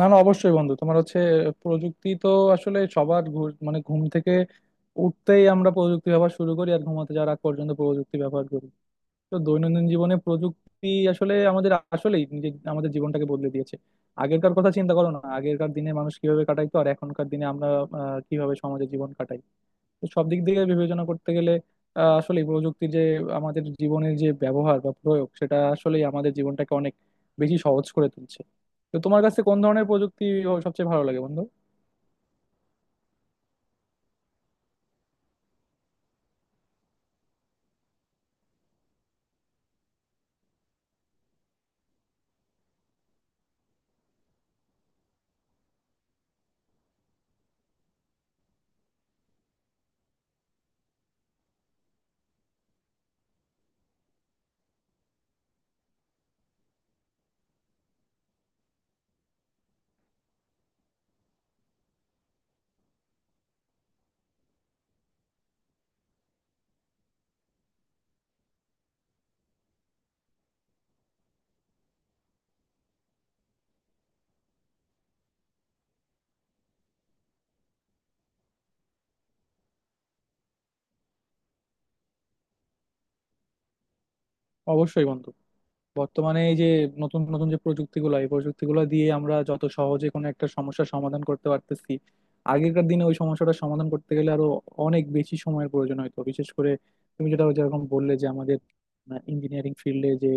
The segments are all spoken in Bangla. না, না, অবশ্যই বন্ধু। তোমার হচ্ছে প্রযুক্তি তো আসলে সবার মানে ঘুম থেকে উঠতেই আমরা প্রযুক্তি ব্যবহার শুরু করি, আর ঘুমাতে যাওয়ার আগ পর্যন্ত প্রযুক্তি ব্যবহার করি। তো দৈনন্দিন জীবনে প্রযুক্তি আসলে আমাদের আসলেই নিজে আমাদের জীবনটাকে বদলে দিয়েছে। আগেরকার কথা চিন্তা করো না, আগেরকার দিনে মানুষ কিভাবে কাটাইতো, আর এখনকার দিনে আমরা কিভাবে সমাজে জীবন কাটাই। তো সব দিক থেকে বিবেচনা করতে গেলে আসলে প্রযুক্তির যে আমাদের জীবনের যে ব্যবহার বা প্রয়োগ, সেটা আসলেই আমাদের জীবনটাকে অনেক বেশি সহজ করে তুলছে। তো তোমার কাছে কোন ধরনের প্রযুক্তি সবচেয়ে ভালো লাগে বন্ধু? অবশ্যই বন্ধু, বর্তমানে এই যে নতুন নতুন যে প্রযুক্তিগুলো, এই প্রযুক্তিগুলো দিয়ে আমরা যত সহজে কোনো একটা সমস্যার সমাধান করতে পারতেছি, আগেকার দিনে ওই সমস্যাটা সমাধান করতে গেলে আরো অনেক বেশি সময়ের প্রয়োজন হতো। বিশেষ করে তুমি যেটা যেরকম বললে যে আমাদের ইঞ্জিনিয়ারিং ফিল্ডে যে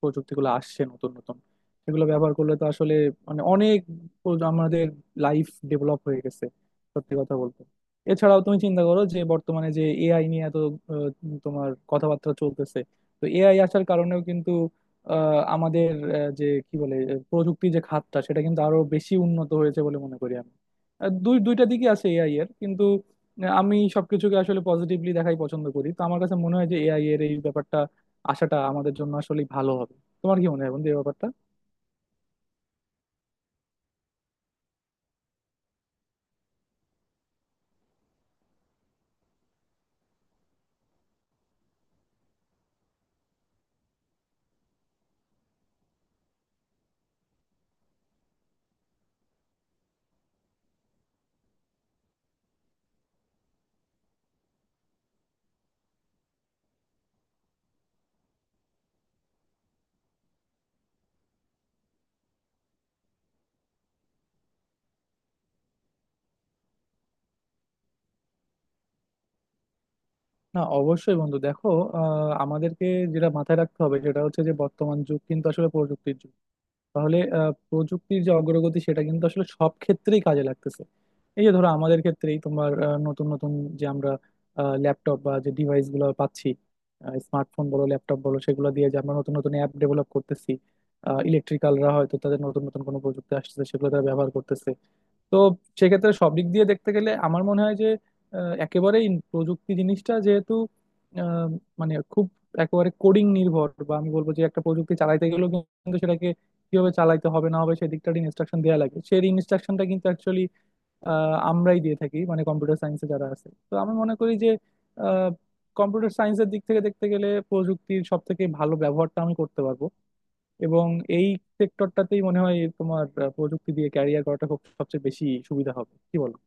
প্রযুক্তিগুলো আসছে নতুন নতুন, সেগুলো ব্যবহার করলে তো আসলে মানে অনেক আমাদের লাইফ ডেভেলপ হয়ে গেছে সত্যি কথা বলতে। এছাড়াও তুমি চিন্তা করো যে বর্তমানে যে এআই নিয়ে এত আহ, তোমার কথাবার্তা চলতেছে। তো এআই আসার কারণেও কিন্তু আমাদের আহ, যে কি বলে আহ, প্রযুক্তি যে খাতটা, সেটা কিন্তু আরো বেশি উন্নত হয়েছে বলে মনে করি আমি। দুই দুইটা দিকই আছে এআই এর, কিন্তু আমি সবকিছুকে আসলে পজিটিভলি দেখাই পছন্দ করি। তো আমার কাছে মনে হয় যে এআই এর এই ব্যাপারটা, আশাটা আমাদের জন্য আসলে ভালো হবে। তোমার কি মনে হয় বন্ধু এই ব্যাপারটা? না, অবশ্যই বন্ধু, দেখো, আমাদেরকে যেটা মাথায় রাখতে হবে সেটা হচ্ছে যে বর্তমান যুগ কিন্তু আসলে প্রযুক্তির যুগ। তাহলে প্রযুক্তির যে অগ্রগতি, সেটা কিন্তু আসলে সব ক্ষেত্রেই কাজে লাগতেছে। এই যে ধরো আমাদের ক্ষেত্রেই তোমার নতুন নতুন যে আমরা ল্যাপটপ বা যে ডিভাইস গুলো পাচ্ছি, স্মার্টফোন বলো ল্যাপটপ বলো, সেগুলো দিয়ে যে আমরা নতুন নতুন অ্যাপ ডেভেলপ করতেছি। ইলেকট্রিক্যালরা হয়তো তাদের নতুন নতুন কোনো প্রযুক্তি আসতেছে সেগুলো তারা ব্যবহার করতেছে। তো সেক্ষেত্রে সব দিক দিয়ে দেখতে গেলে আমার মনে হয় যে একেবারেই প্রযুক্তি জিনিসটা যেহেতু আহ, মানে খুব একেবারে কোডিং নির্ভর, বা আমি বলবো যে একটা প্রযুক্তি চালাইতে গেলেও কিন্তু সেটাকে কিভাবে চালাইতে হবে না হবে সেই দিকটার ইনস্ট্রাকশন দেওয়া লাগে। সেই ইনস্ট্রাকশনটা কিন্তু অ্যাকচুয়ালি আমরাই দিয়ে থাকি, মানে কম্পিউটার সায়েন্সে যারা আছে। তো আমি মনে করি যে কম্পিউটার সায়েন্সের দিক থেকে দেখতে গেলে প্রযুক্তির সব থেকে ভালো ব্যবহারটা আমি করতে পারবো, এবং এই সেক্টরটাতেই মনে হয় তোমার প্রযুক্তি দিয়ে ক্যারিয়ার করাটা খুব সবচেয়ে বেশি সুবিধা হবে। কি বলো?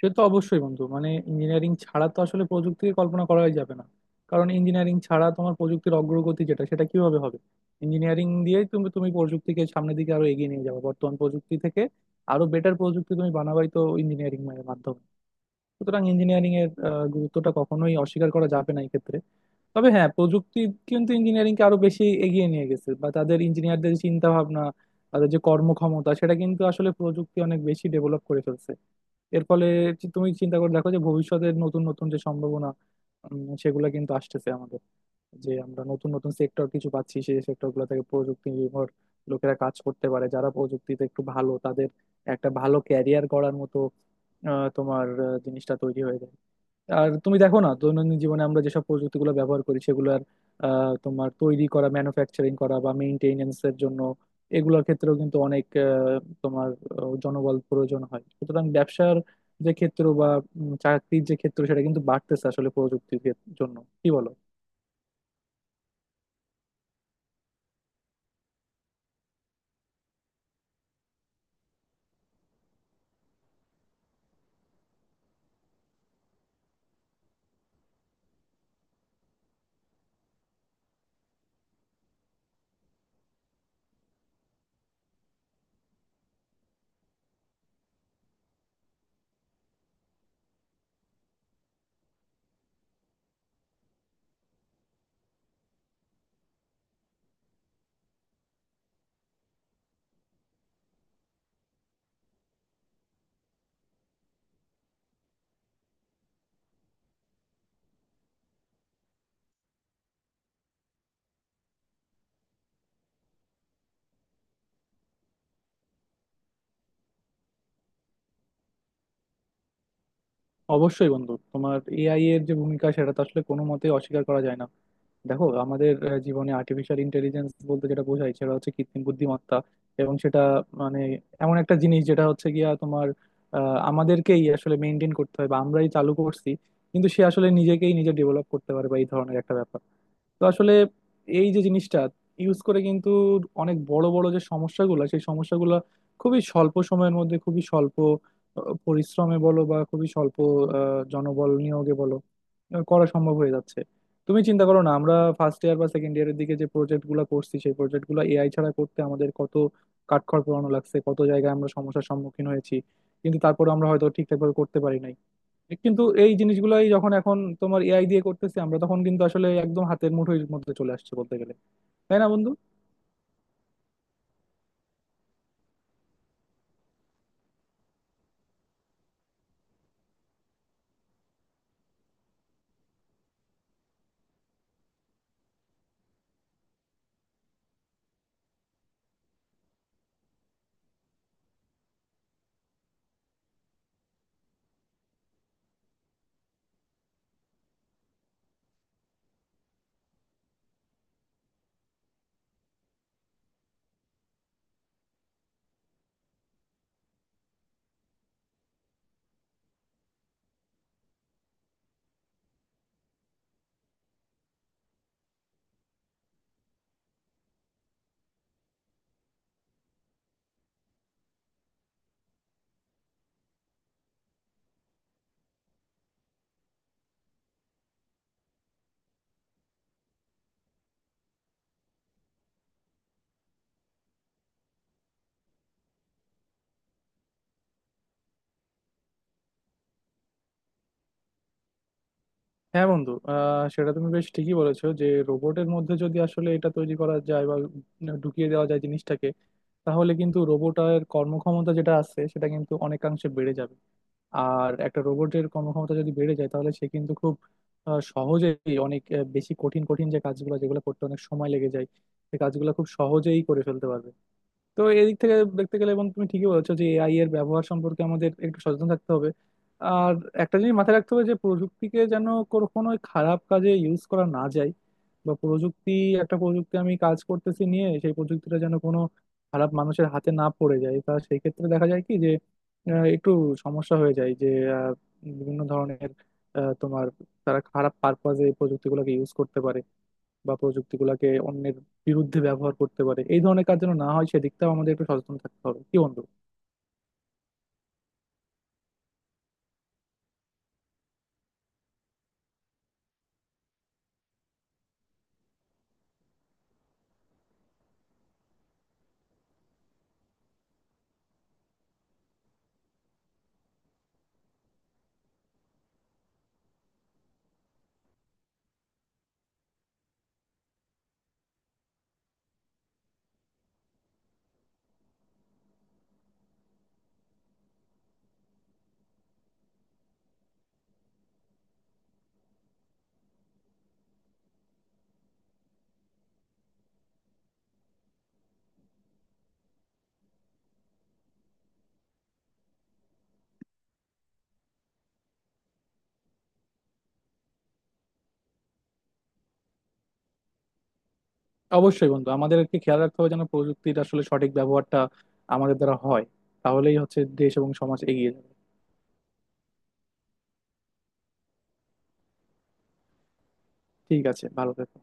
সে তো অবশ্যই বন্ধু, মানে ইঞ্জিনিয়ারিং ছাড়া তো আসলে প্রযুক্তিকে কল্পনা করাই যাবে না। কারণ ইঞ্জিনিয়ারিং ছাড়া তোমার প্রযুক্তির অগ্রগতি যেটা, সেটা কিভাবে হবে? ইঞ্জিনিয়ারিং দিয়েই তুমি তুমি প্রযুক্তিকে সামনের দিকে আরো এগিয়ে নিয়ে যাবে, বর্তমান প্রযুক্তি থেকে আরো বেটার প্রযুক্তি তুমি বানাবাই তো ইঞ্জিনিয়ারিং এর মাধ্যমে। সুতরাং ইঞ্জিনিয়ারিং এর গুরুত্বটা কখনোই অস্বীকার করা যাবে না এই ক্ষেত্রে। তবে হ্যাঁ, প্রযুক্তি কিন্তু ইঞ্জিনিয়ারিং কে আরো বেশি এগিয়ে নিয়ে গেছে, বা তাদের ইঞ্জিনিয়ারদের চিন্তা ভাবনা, তাদের যে কর্মক্ষমতা, সেটা কিন্তু আসলে প্রযুক্তি অনেক বেশি ডেভেলপ করে ফেলছে। এর ফলে তুমি চিন্তা করে দেখো যে ভবিষ্যতের নতুন নতুন যে সম্ভাবনা, সেগুলা কিন্তু আসতেছে আমাদের, যে আমরা নতুন নতুন সেক্টর কিছু পাচ্ছি। সেই সেক্টর গুলো থেকে প্রযুক্তি নির্ভর লোকেরা কাজ করতে পারে, যারা প্রযুক্তিতে একটু ভালো তাদের একটা ভালো ক্যারিয়ার গড়ার মতো তোমার জিনিসটা তৈরি হয়ে যায়। আর তুমি দেখো না, দৈনন্দিন জীবনে আমরা যেসব প্রযুক্তিগুলো ব্যবহার করি সেগুলোর তোমার তৈরি করা, ম্যানুফ্যাকচারিং করা বা মেইনটেনেন্স এর জন্য এগুলোর ক্ষেত্রেও কিন্তু অনেক তোমার জনবল প্রয়োজন হয়। সুতরাং ব্যবসার যে ক্ষেত্র বা চাকরির যে ক্ষেত্র, সেটা কিন্তু বাড়তেছে আসলে প্রযুক্তির ক্ষেত- জন্য। কি বলো? অবশ্যই বন্ধু, তোমার এআই এর যে ভূমিকা, সেটা তো আসলে কোনো মতে অস্বীকার করা যায় না। দেখো আমাদের জীবনে আর্টিফিশিয়াল ইন্টেলিজেন্স বলতে যেটা বোঝায় সেটা হচ্ছে কৃত্রিম বুদ্ধিমত্তা, এবং সেটা মানে এমন একটা জিনিস যেটা হচ্ছে গিয়া তোমার আমাদেরকেই আসলে মেনটেন করতে হয় বা আমরাই চালু করছি, কিন্তু সে আসলে নিজেকেই নিজে ডেভেলপ করতে পারে বা এই ধরনের একটা ব্যাপার। তো আসলে এই যে জিনিসটা ইউজ করে কিন্তু অনেক বড় বড় যে সমস্যাগুলো, সেই সমস্যাগুলো খুবই স্বল্প সময়ের মধ্যে, খুবই স্বল্প পরিশ্রমে বলো বা খুবই স্বল্প জনবল নিয়োগে বলো করা সম্ভব হয়ে যাচ্ছে। তুমি চিন্তা করো না, আমরা ফার্স্ট ইয়ার বা সেকেন্ড ইয়ারের দিকে যে প্রজেক্ট গুলা করছি, সেই প্রজেক্ট গুলা এআই ছাড়া করতে আমাদের কত কাঠখড় পোড়ানো লাগছে, কত জায়গায় আমরা সমস্যার সম্মুখীন হয়েছি, কিন্তু তারপরে আমরা হয়তো ঠিকঠাক ভাবে করতে পারি নাই। কিন্তু এই জিনিসগুলাই যখন এখন তোমার এআই দিয়ে করতেছি আমরা, তখন কিন্তু আসলে একদম হাতের মুঠোর মধ্যে চলে আসছে বলতে গেলে। তাই না বন্ধু? হ্যাঁ বন্ধু, আহ, সেটা তুমি বেশ ঠিকই বলেছো যে রোবটের মধ্যে যদি আসলে এটা তৈরি করা যায় বা ঢুকিয়ে দেওয়া যায় জিনিসটাকে, তাহলে কিন্তু রোবটের কর্মক্ষমতা যেটা আছে সেটা কিন্তু অনেকাংশে বেড়ে যাবে। আর একটা রোবটের কর্মক্ষমতা যদি বেড়ে যায়, তাহলে সে কিন্তু খুব সহজেই অনেক বেশি কঠিন কঠিন যে কাজগুলো, যেগুলো করতে অনেক সময় লেগে যায়, সেই কাজগুলো খুব সহজেই করে ফেলতে পারবে। তো এদিক থেকে দেখতে গেলে, এবং তুমি ঠিকই বলেছো যে এআই এর ব্যবহার সম্পর্কে আমাদের একটু সচেতন থাকতে হবে। আর একটা জিনিস মাথায় রাখতে হবে, যে প্রযুক্তিকে যেন কখনোই খারাপ কাজে ইউজ করা না যায়। বা প্রযুক্তি, একটা প্রযুক্তি আমি কাজ করতেছি নিয়ে, সেই প্রযুক্তিটা যেন কোনো খারাপ মানুষের হাতে না পড়ে যায়। তা সেই ক্ষেত্রে দেখা যায় কি যে একটু সমস্যা হয়ে যায়, যে আহ, বিভিন্ন ধরনের তোমার তারা খারাপ পারপাজে এই প্রযুক্তিগুলোকে ইউজ করতে পারে, বা প্রযুক্তিগুলোকে অন্যের বিরুদ্ধে ব্যবহার করতে পারে। এই ধরনের কাজ যেন না হয় সেদিকটাও আমাদের একটু সচেতন থাকতে হবে, কি বন্ধু? অবশ্যই বন্ধু, আমাদেরকে খেয়াল রাখতে হবে যেন প্রযুক্তির আসলে সঠিক ব্যবহারটা আমাদের দ্বারা হয়। তাহলেই হচ্ছে দেশ এবং সমাজ এগিয়ে যাবে। ঠিক আছে, ভালো থেকো।